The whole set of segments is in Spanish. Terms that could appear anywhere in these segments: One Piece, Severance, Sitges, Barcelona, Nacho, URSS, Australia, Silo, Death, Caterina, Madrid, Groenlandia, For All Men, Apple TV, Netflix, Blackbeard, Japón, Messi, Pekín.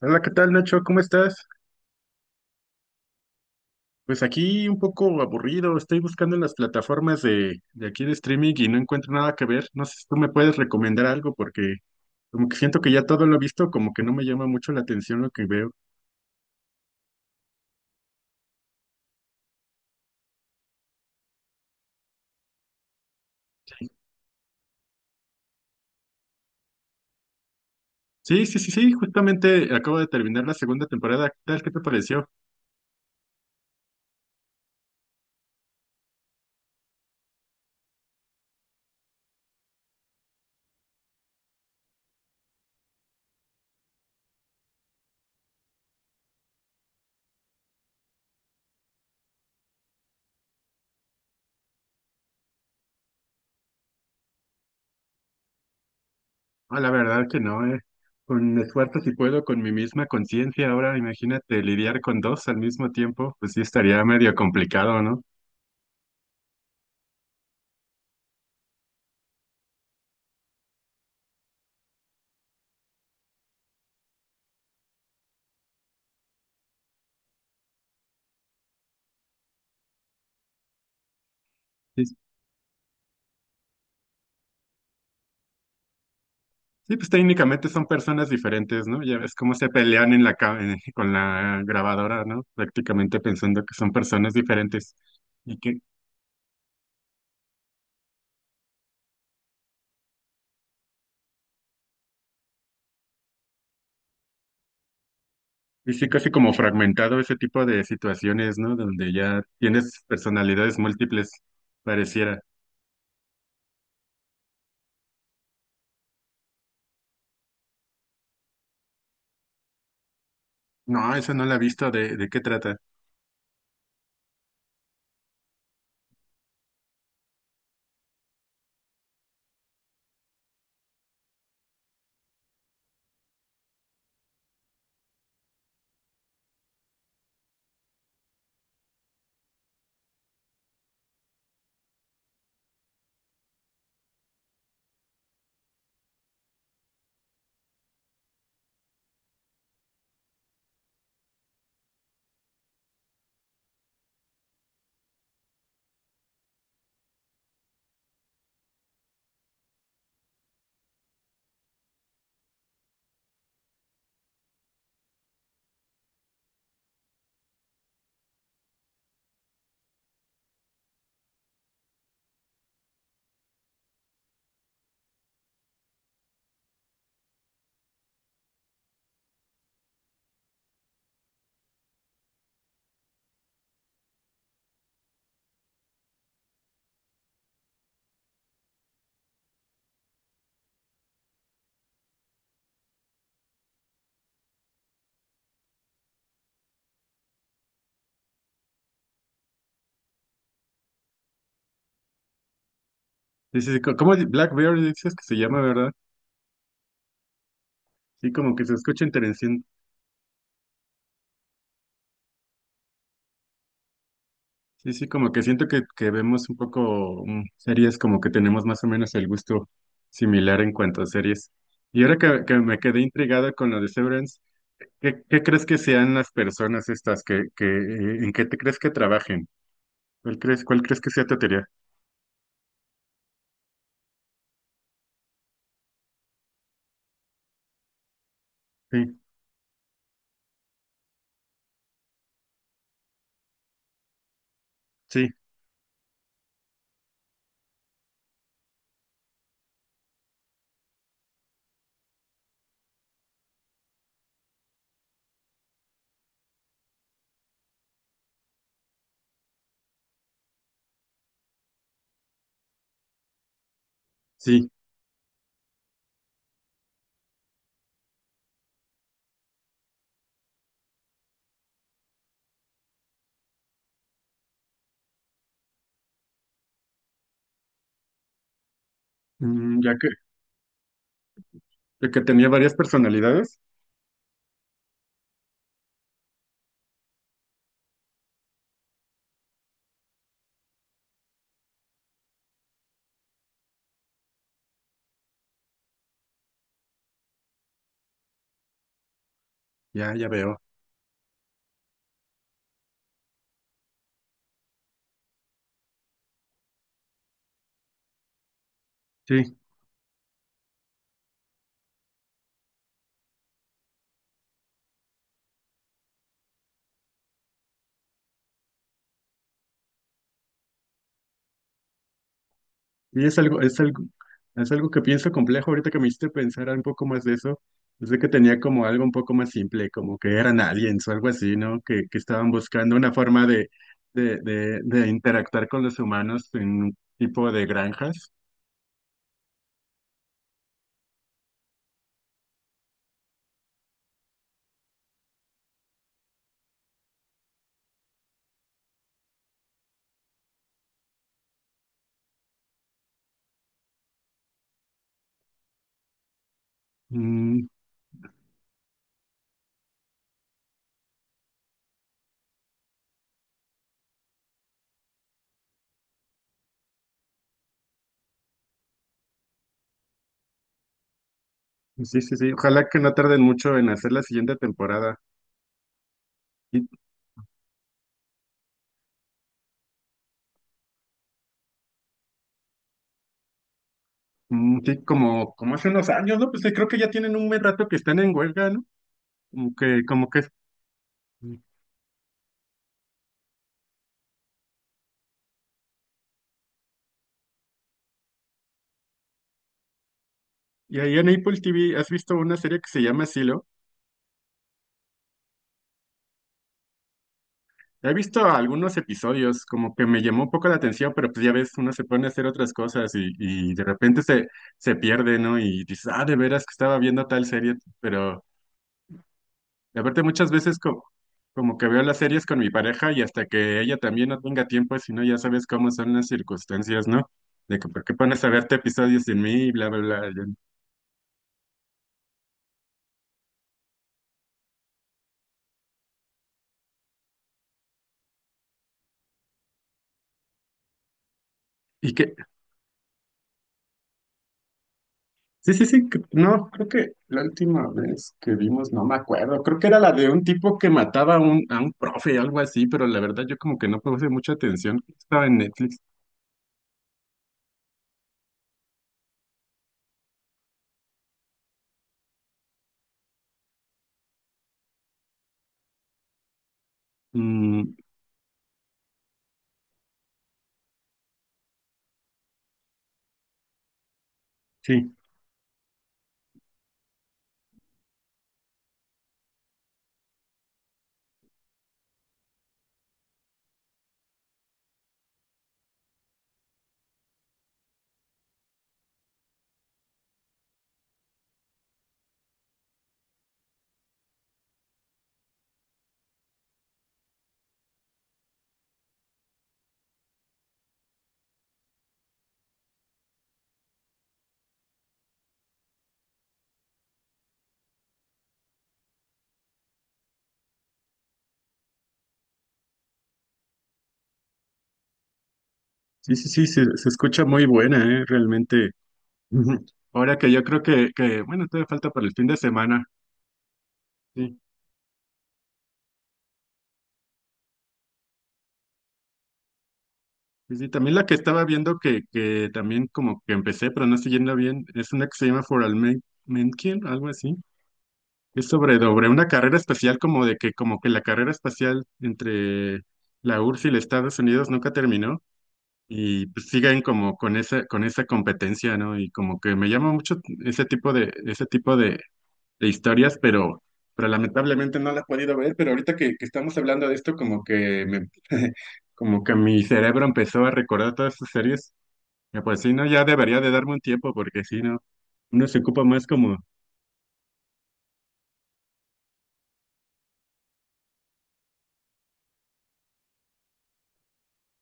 Hola, ¿qué tal, Nacho? ¿Cómo estás? Pues aquí un poco aburrido, estoy buscando en las plataformas de aquí de streaming y no encuentro nada que ver. No sé si tú me puedes recomendar algo porque como que siento que ya todo lo he visto, como que no me llama mucho la atención lo que veo. Sí, sí, sí, sí, justamente acabo de terminar la segunda temporada. ¿Qué tal? ¿Qué te pareció? Ah, la verdad que no. Con esfuerzo si puedo, con mi misma conciencia. Ahora imagínate lidiar con dos al mismo tiempo, pues sí estaría medio complicado, ¿no? Sí, sí, pues técnicamente son personas diferentes, ¿no? Ya ves cómo se pelean en la con la grabadora, ¿no? Prácticamente pensando que son personas diferentes y que y sí casi como fragmentado ese tipo de situaciones, ¿no? Donde ya tienes personalidades múltiples, pareciera. No, esa no la he visto, ¿de qué trata? Dices, ¿cómo Blackbeard dices que se llama, verdad? Sí, como que se escucha interesante. Sí, sí, como que siento que vemos un poco series, como que tenemos más o menos el gusto similar en cuanto a series. Y ahora que me quedé intrigado con lo de Severance, ¿qué crees que sean las personas estas que en qué te crees que trabajen? ¿Cuál crees que sea tu teoría? Sí, sí, sí. Mm, ya que, ya que tenía varias personalidades, ya veo. Sí. Y es algo que pienso complejo ahorita que me hiciste pensar un poco más de eso. Es de que tenía como algo un poco más simple, como que eran aliens o algo así, ¿no? Que estaban buscando una forma de interactuar con los humanos en un tipo de granjas. Mm, sí, sí, sí. Ojalá que no tarden mucho en hacer la siguiente temporada. Y, mm, sí, como hace unos años, ¿no? Pues sí, creo que ya tienen un buen rato que están en huelga, ¿no? Como que. Y ahí en Apple TV, ¿has visto una serie que se llama Silo? He visto algunos episodios, como que me llamó un poco la atención, pero pues ya ves, uno se pone a hacer otras cosas y de repente se pierde, ¿no? Y dices, ah, de veras que estaba viendo tal serie, pero de repente muchas veces como que veo las series con mi pareja y hasta que ella también no tenga tiempo, si no, ya sabes cómo son las circunstancias, ¿no? De que, ¿por qué pones a verte episodios sin mí? Y bla, bla, bla. Y que, Sí, sí, sí, no, creo que la última vez que vimos, no me acuerdo, creo que era la de un tipo que mataba a un profe, algo así, pero la verdad yo como que no puse mucha atención, estaba en Netflix. Mm, sí, sí, sí, sí, se escucha muy buena, realmente. Ujú. Ahora que yo creo bueno, todavía falta para el fin de semana. Sí, sí, sí, también la que estaba viendo que también como que empecé, pero no siguiendo bien, es una que se llama For All Men, Men Kill, algo así. Es sobre una carrera espacial como que la carrera espacial entre la URSS y los Estados Unidos nunca terminó y pues siguen como con esa competencia, ¿no? Y como que me llama mucho ese tipo de historias, pero lamentablemente no la he podido ver, pero ahorita que estamos hablando de esto como que me como que mi cerebro empezó a recordar todas esas series. Y pues sí, no, ya debería de darme un tiempo porque si no, uno se ocupa más como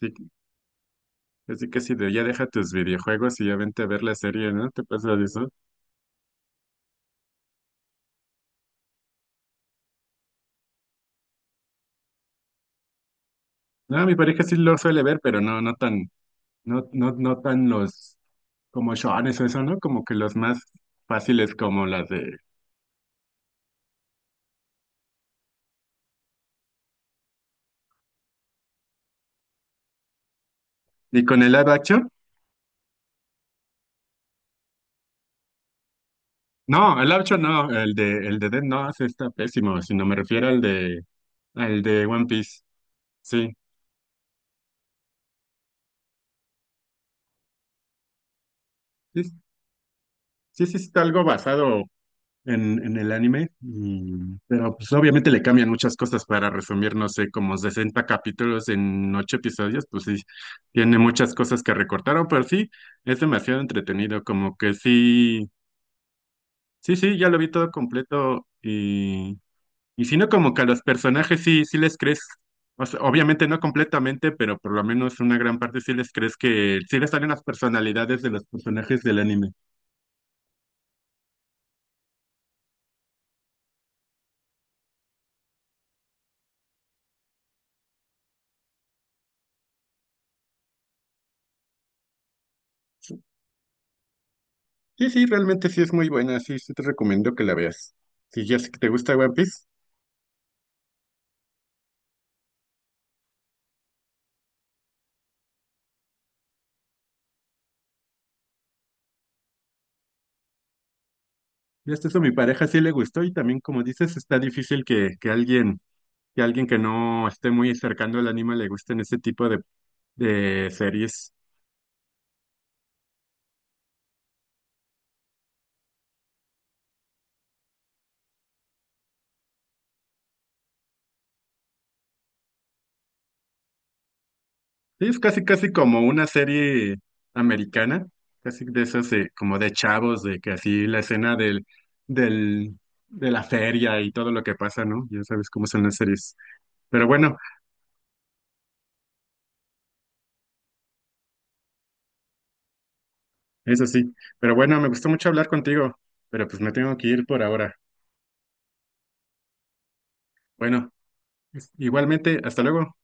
sí. Así que si de ya deja tus videojuegos y ya vente a ver la serie, ¿no? ¿Te pasa de eso? No, mi pareja sí lo suele ver, pero no, no tan, no, no, no tan los como shones o eso, ¿no? Como que los más fáciles como las de. ¿Y con el live action? No, el live action no, el de Death no, ese está pésimo, sino me refiero al de One Piece. Sí. Sí, sí, sí está algo basado en el anime, pero pues obviamente le cambian muchas cosas para resumir, no sé, como 60 capítulos en 8 episodios, pues sí, tiene muchas cosas que recortaron, pero sí, es demasiado entretenido, como que sí, sí, sí, ya lo vi todo completo, y si no, como que a los personajes sí, sí les crees. O sea, obviamente no completamente, pero por lo menos una gran parte sí les crees que sí les salen las personalidades de los personajes del anime. Sí, sí, realmente sí es muy buena, sí, sí te recomiendo que la veas. Si ya sé que te gusta One Piece, ya hasta eso a mi pareja sí le gustó y también como dices, está difícil que, que alguien que no esté muy cercano al anime le gusten ese tipo de series. Sí, es casi casi como una serie americana, casi de esas como de chavos, de que así la escena del, de la feria y todo lo que pasa, ¿no? Ya sabes cómo son las series. Pero bueno. Eso sí, pero bueno, me gustó mucho hablar contigo, pero pues me tengo que ir por ahora. Bueno, igualmente, hasta luego.